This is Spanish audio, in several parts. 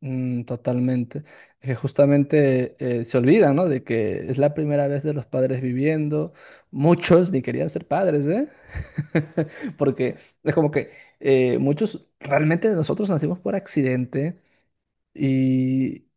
Mm, totalmente. Que justamente se olvida, ¿no? De que es la primera vez de los padres viviendo. Muchos ni querían ser padres, ¿eh? Porque es como que muchos, realmente nosotros nacimos por accidente y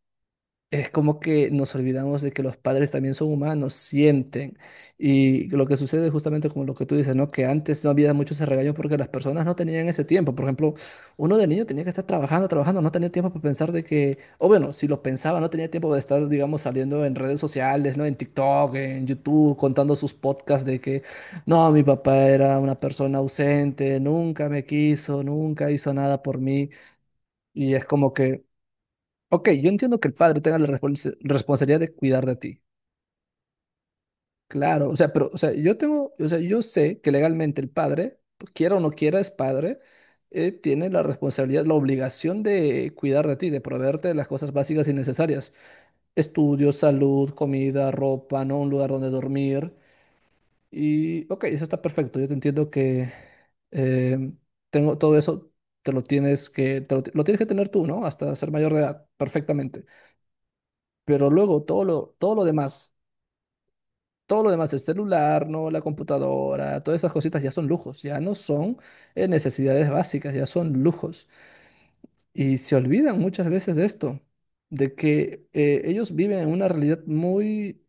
es como que nos olvidamos de que los padres también son humanos, sienten. Y lo que sucede es justamente como lo que tú dices, ¿no? Que antes no había mucho ese regaño porque las personas no tenían ese tiempo. Por ejemplo, uno de niño tenía que estar trabajando, trabajando, no tenía tiempo para pensar de que, o bueno, si lo pensaba, no tenía tiempo de estar, digamos, saliendo en redes sociales, ¿no? En TikTok, en YouTube, contando sus podcasts de que, no, mi papá era una persona ausente, nunca me quiso, nunca hizo nada por mí. Y es como que... Ok, yo entiendo que el padre tenga la responsabilidad de cuidar de ti. Claro, o sea, pero, o sea, yo tengo, o sea, yo sé que legalmente el padre, pues, quiera o no quiera, es padre, tiene la responsabilidad, la obligación de cuidar de ti, de proveerte de las cosas básicas y necesarias. Estudios, salud, comida, ropa, ¿no? Un lugar donde dormir. Y, ok, eso está perfecto. Yo te entiendo que eh, tengo todo eso, te lo tienes que, te lo, lo tienes que tener tú, ¿no? Hasta ser mayor de edad, perfectamente. Pero luego todo lo demás, el celular, ¿no? La computadora, todas esas cositas ya son lujos, ya no son necesidades básicas, ya son lujos. Y se olvidan muchas veces de esto, de que ellos viven en una realidad muy,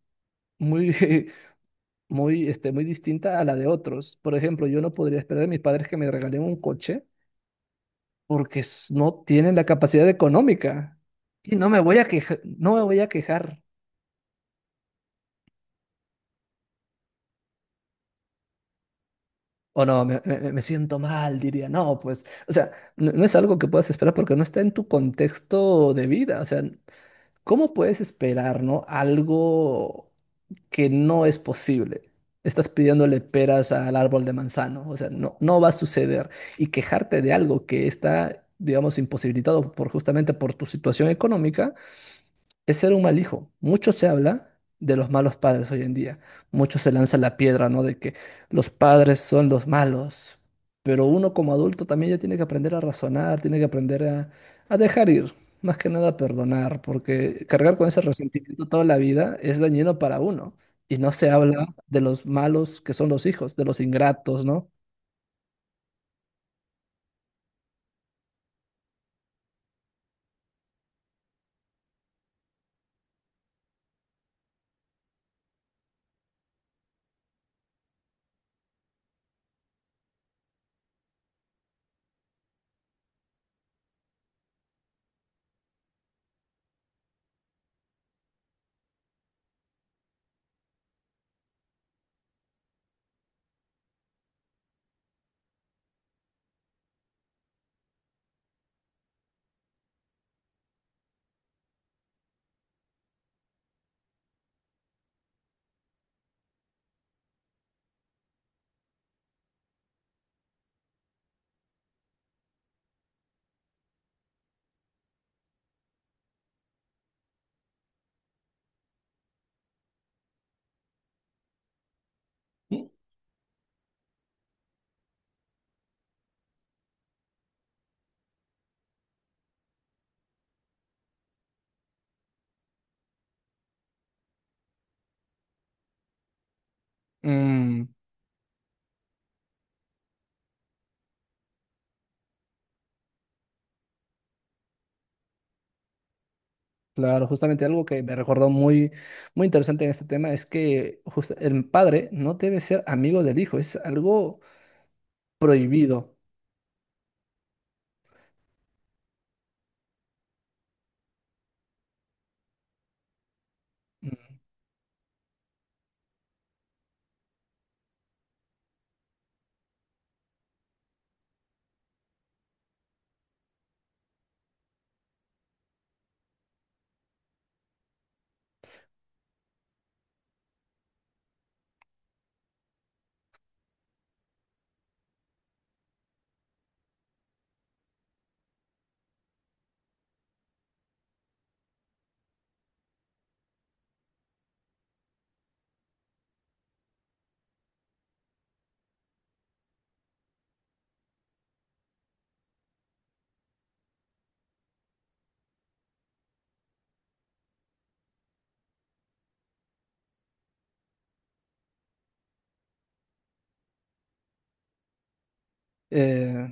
muy, muy, este, muy distinta a la de otros. Por ejemplo, yo no podría esperar de mis padres que me regalen un coche porque no tienen la capacidad económica. Y no me voy a quejar, no me voy a quejar. O no, me siento mal, diría, no, pues, o sea, no, no es algo que puedas esperar porque no está en tu contexto de vida, o sea, ¿cómo puedes esperar, no? Algo que no es posible. Estás pidiéndole peras al árbol de manzano, o sea, no, no va a suceder. Y quejarte de algo que está, digamos, imposibilitado por justamente por tu situación económica, es ser un mal hijo. Mucho se habla de los malos padres hoy en día. Mucho se lanza la piedra, ¿no? De que los padres son los malos. Pero uno como adulto también ya tiene que aprender a razonar, tiene que aprender a dejar ir, más que nada a perdonar, porque cargar con ese resentimiento toda la vida es dañino para uno. Y no se habla de los malos que son los hijos, de los ingratos, ¿no? Mm. Claro, justamente algo que me recordó muy, muy interesante en este tema es que el padre no debe ser amigo del hijo, es algo prohibido. Mm. Eh,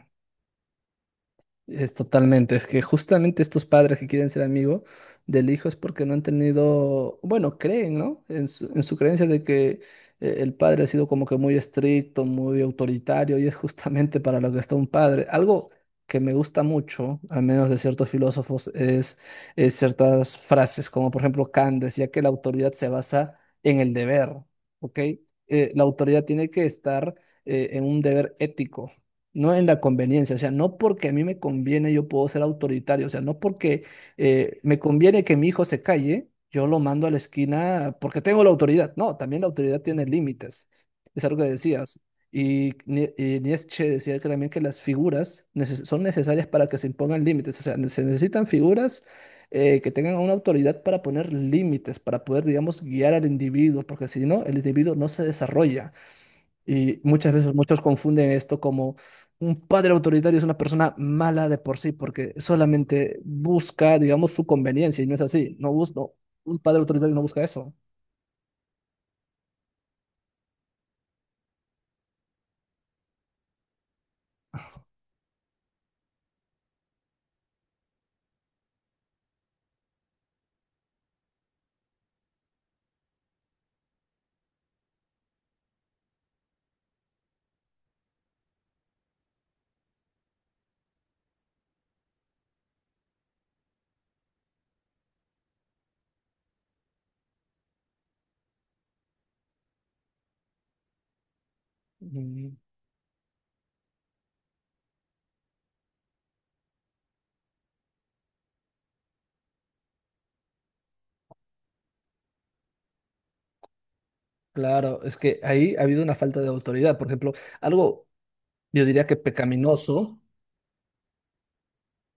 Es totalmente, es que justamente estos padres que quieren ser amigos del hijo es porque no han tenido, bueno, creen, ¿no? En su creencia de que el padre ha sido como que muy estricto, muy autoritario y es justamente para lo que está un padre. Algo que me gusta mucho, al menos de ciertos filósofos, es ciertas frases, como por ejemplo Kant decía que la autoridad se basa en el deber, ¿ok? La autoridad tiene que estar en un deber ético. No en la conveniencia, o sea, no porque a mí me conviene yo puedo ser autoritario, o sea, no porque me conviene que mi hijo se calle, yo lo mando a la esquina porque tengo la autoridad. No, también la autoridad tiene límites, es algo que decías. Y, y Nietzsche decía que también que las figuras son necesarias para que se impongan límites, o sea, se necesitan figuras que tengan una autoridad para poner límites, para poder, digamos, guiar al individuo, porque si no, el individuo no se desarrolla. Y muchas veces muchos confunden esto como un padre autoritario es una persona mala de por sí, porque solamente busca, digamos, su conveniencia, y no es así. Un padre autoritario no busca eso. Mm, claro, es que ahí ha habido una falta de autoridad. Por ejemplo, algo yo diría que pecaminoso.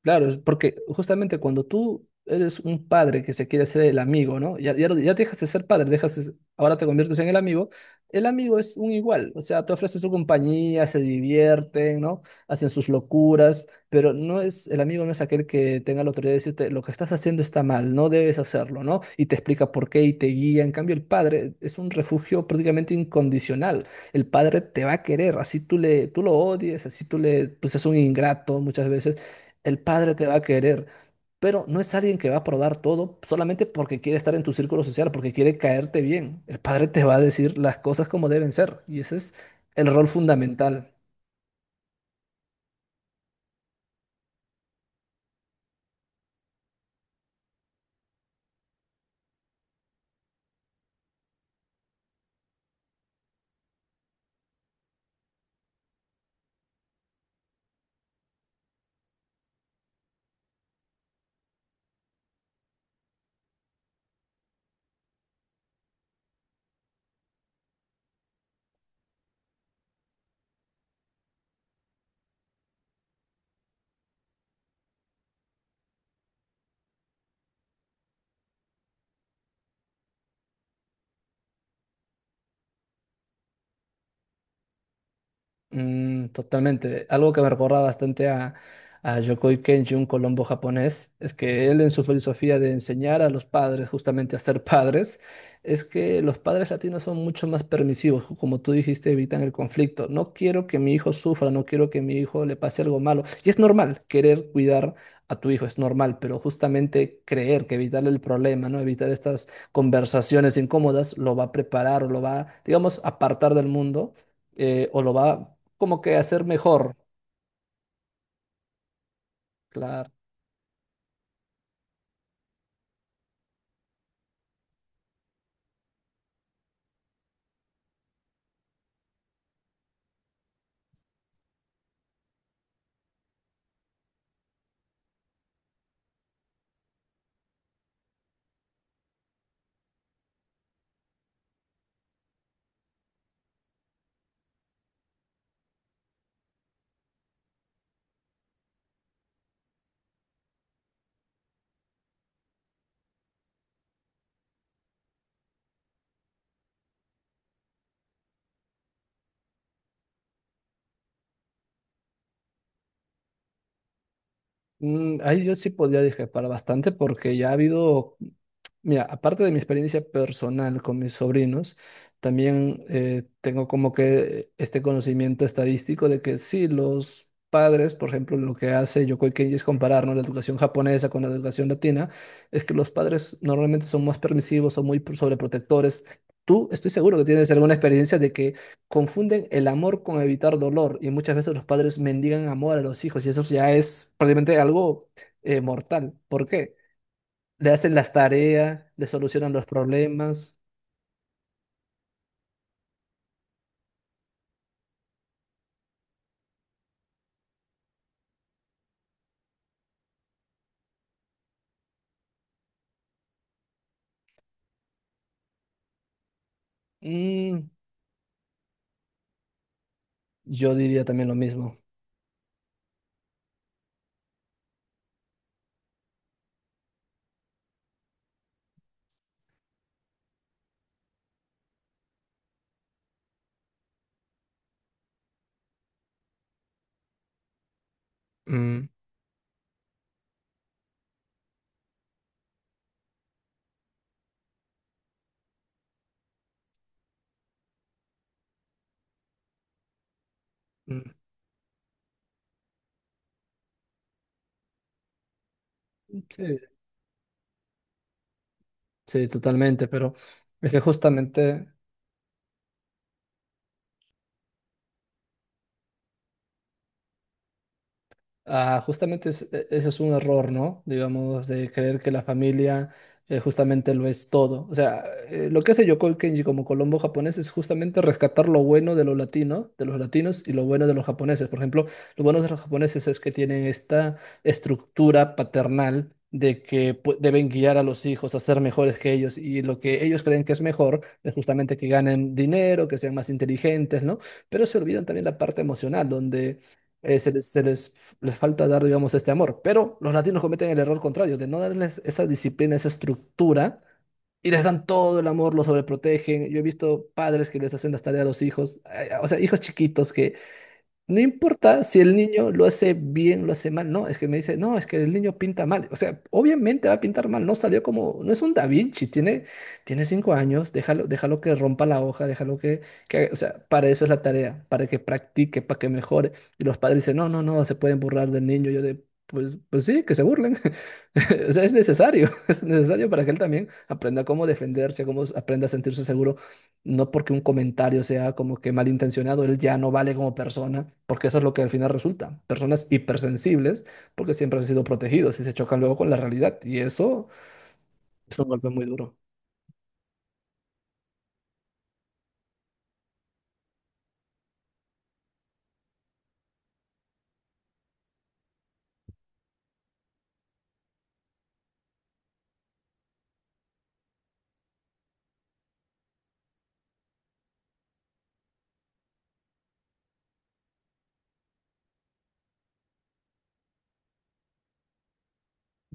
Claro, es porque justamente cuando tú eres un padre que se quiere hacer el amigo, ¿no? Ya dejas de ser padre, ahora te conviertes en el amigo. El amigo es un igual, o sea, te ofrece su compañía, se divierten, ¿no? Hacen sus locuras, pero no es, el amigo no es aquel que tenga la autoridad de decirte lo que estás haciendo está mal, no debes hacerlo, ¿no? Y te explica por qué y te guía. En cambio, el padre es un refugio prácticamente incondicional. El padre te va a querer, así tú le, tú lo odies, así tú le, pues es un ingrato muchas veces el padre te va a querer, pero no es alguien que va a probar todo solamente porque quiere estar en tu círculo social, porque quiere caerte bien. El padre te va a decir las cosas como deben ser y ese es el rol fundamental. Mm, totalmente. Algo que me recuerda bastante a Yokoi Kenji, un colombo japonés, es que él en su filosofía de enseñar a los padres justamente a ser padres, es que los padres latinos son mucho más permisivos, como tú dijiste, evitan el conflicto. No quiero que mi hijo sufra, no quiero que mi hijo le pase algo malo. Y es normal querer cuidar a tu hijo, es normal, pero justamente creer que evitarle el problema, ¿no? Evitar estas conversaciones incómodas, lo va a preparar o lo va, digamos, apartar del mundo o lo va como que hacer mejor, claro. Mm, ahí yo sí podría discrepar bastante porque ya ha habido. Mira, aparte de mi experiencia personal con mis sobrinos, también tengo como que este conocimiento estadístico de que sí, los padres, por ejemplo, lo que hace Yokoi Kenji es comparar, ¿no? La educación japonesa con la educación latina, es que los padres normalmente son más permisivos, son sobreprotectores. Tú, estoy seguro que tienes alguna experiencia de que confunden el amor con evitar dolor y muchas veces los padres mendigan amor a los hijos y eso ya es prácticamente algo mortal. ¿Por qué? Le hacen las tareas, le solucionan los problemas. Mm, yo diría también lo mismo. Mm, mm, sí, sí, totalmente, pero es que justamente... Ah, justamente ese es un error, ¿no? Digamos, de creer que la familia justamente lo es todo. O sea, lo que hace Yokoi Kenji como Colombo japonés es justamente rescatar lo bueno de lo latino, de los latinos y lo bueno de los japoneses. Por ejemplo, lo bueno de los japoneses es que tienen esta estructura paternal de que deben guiar a los hijos a ser mejores que ellos y lo que ellos creen que es mejor es justamente que ganen dinero, que sean más inteligentes, ¿no? Pero se olvidan también la parte emocional, donde se les, les falta dar, digamos, este amor. Pero los latinos cometen el error contrario, de no darles esa disciplina, esa estructura, y les dan todo el amor, los sobreprotegen. Yo he visto padres que les hacen las tareas a los hijos, o sea, hijos chiquitos que no importa si el niño lo hace bien, lo hace mal. No, es que me dice, no, es que el niño pinta mal. O sea, obviamente va a pintar mal. No salió como, no es un Da Vinci. Tiene 5 años. Déjalo, déjalo que rompa la hoja. Déjalo que, o sea, para eso es la tarea, para que practique, para que mejore. Y los padres dicen, no, no, no, se pueden burlar del niño. Yo de, pues, pues sí, que se burlen. O sea, es necesario, es necesario para que él también aprenda cómo defenderse, cómo aprenda a sentirse seguro no porque un comentario sea como que malintencionado, él ya no vale como persona, porque eso es lo que al final resulta. Personas hipersensibles, porque siempre han sido protegidos y se chocan luego con la realidad. Y eso es un golpe muy duro.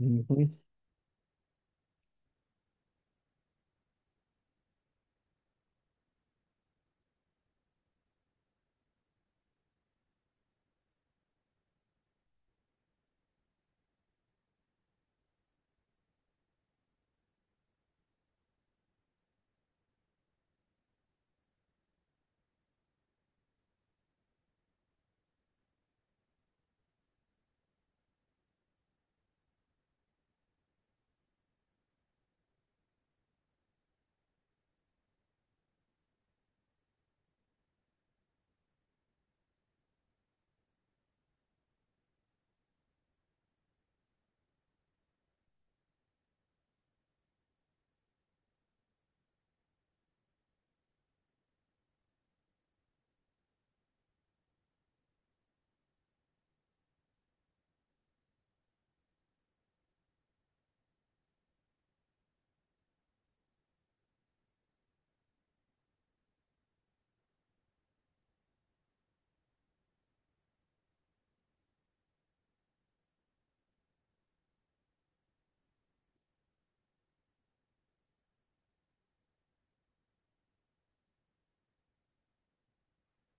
Ujú.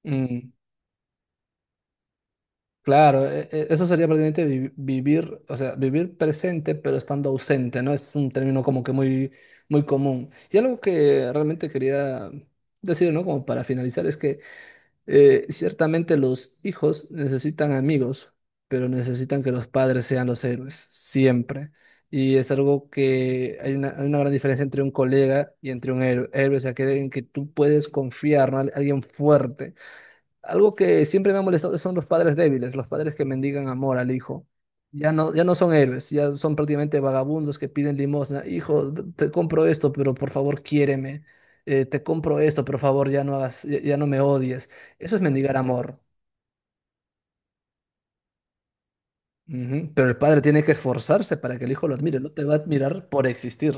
Mm, claro, eso sería prácticamente vivir, o sea, vivir presente pero estando ausente, ¿no? Es un término como que muy, muy común. Y algo que realmente quería decir, ¿no? Como para finalizar, es que ciertamente los hijos necesitan amigos, pero necesitan que los padres sean los héroes, siempre. Y es algo que hay una gran diferencia entre un colega y entre un héroe. Héroe es aquel en que tú puedes confiar, ¿no? Alguien fuerte, algo que siempre me ha molestado son los padres débiles, los padres que mendigan amor al hijo. Ya no, ya no son héroes, ya son prácticamente vagabundos que piden limosna. Hijo, te compro esto, pero por favor quiéreme. Te compro esto, por favor ya no hagas, ya, ya no me odies. Eso es mendigar amor. Ujú. Pero el padre tiene que esforzarse para que el hijo lo admire. No te va a admirar por existir.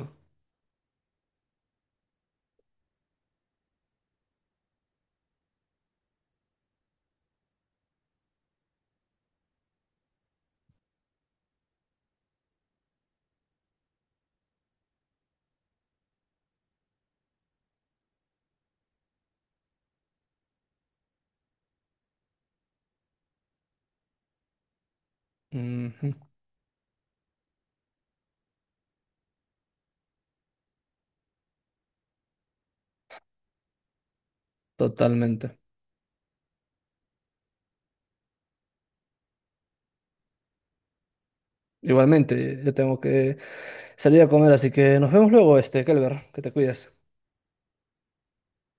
Ujú. Totalmente. Igualmente, yo tengo que salir a comer, así que nos vemos luego, este, Kelber, que te cuides.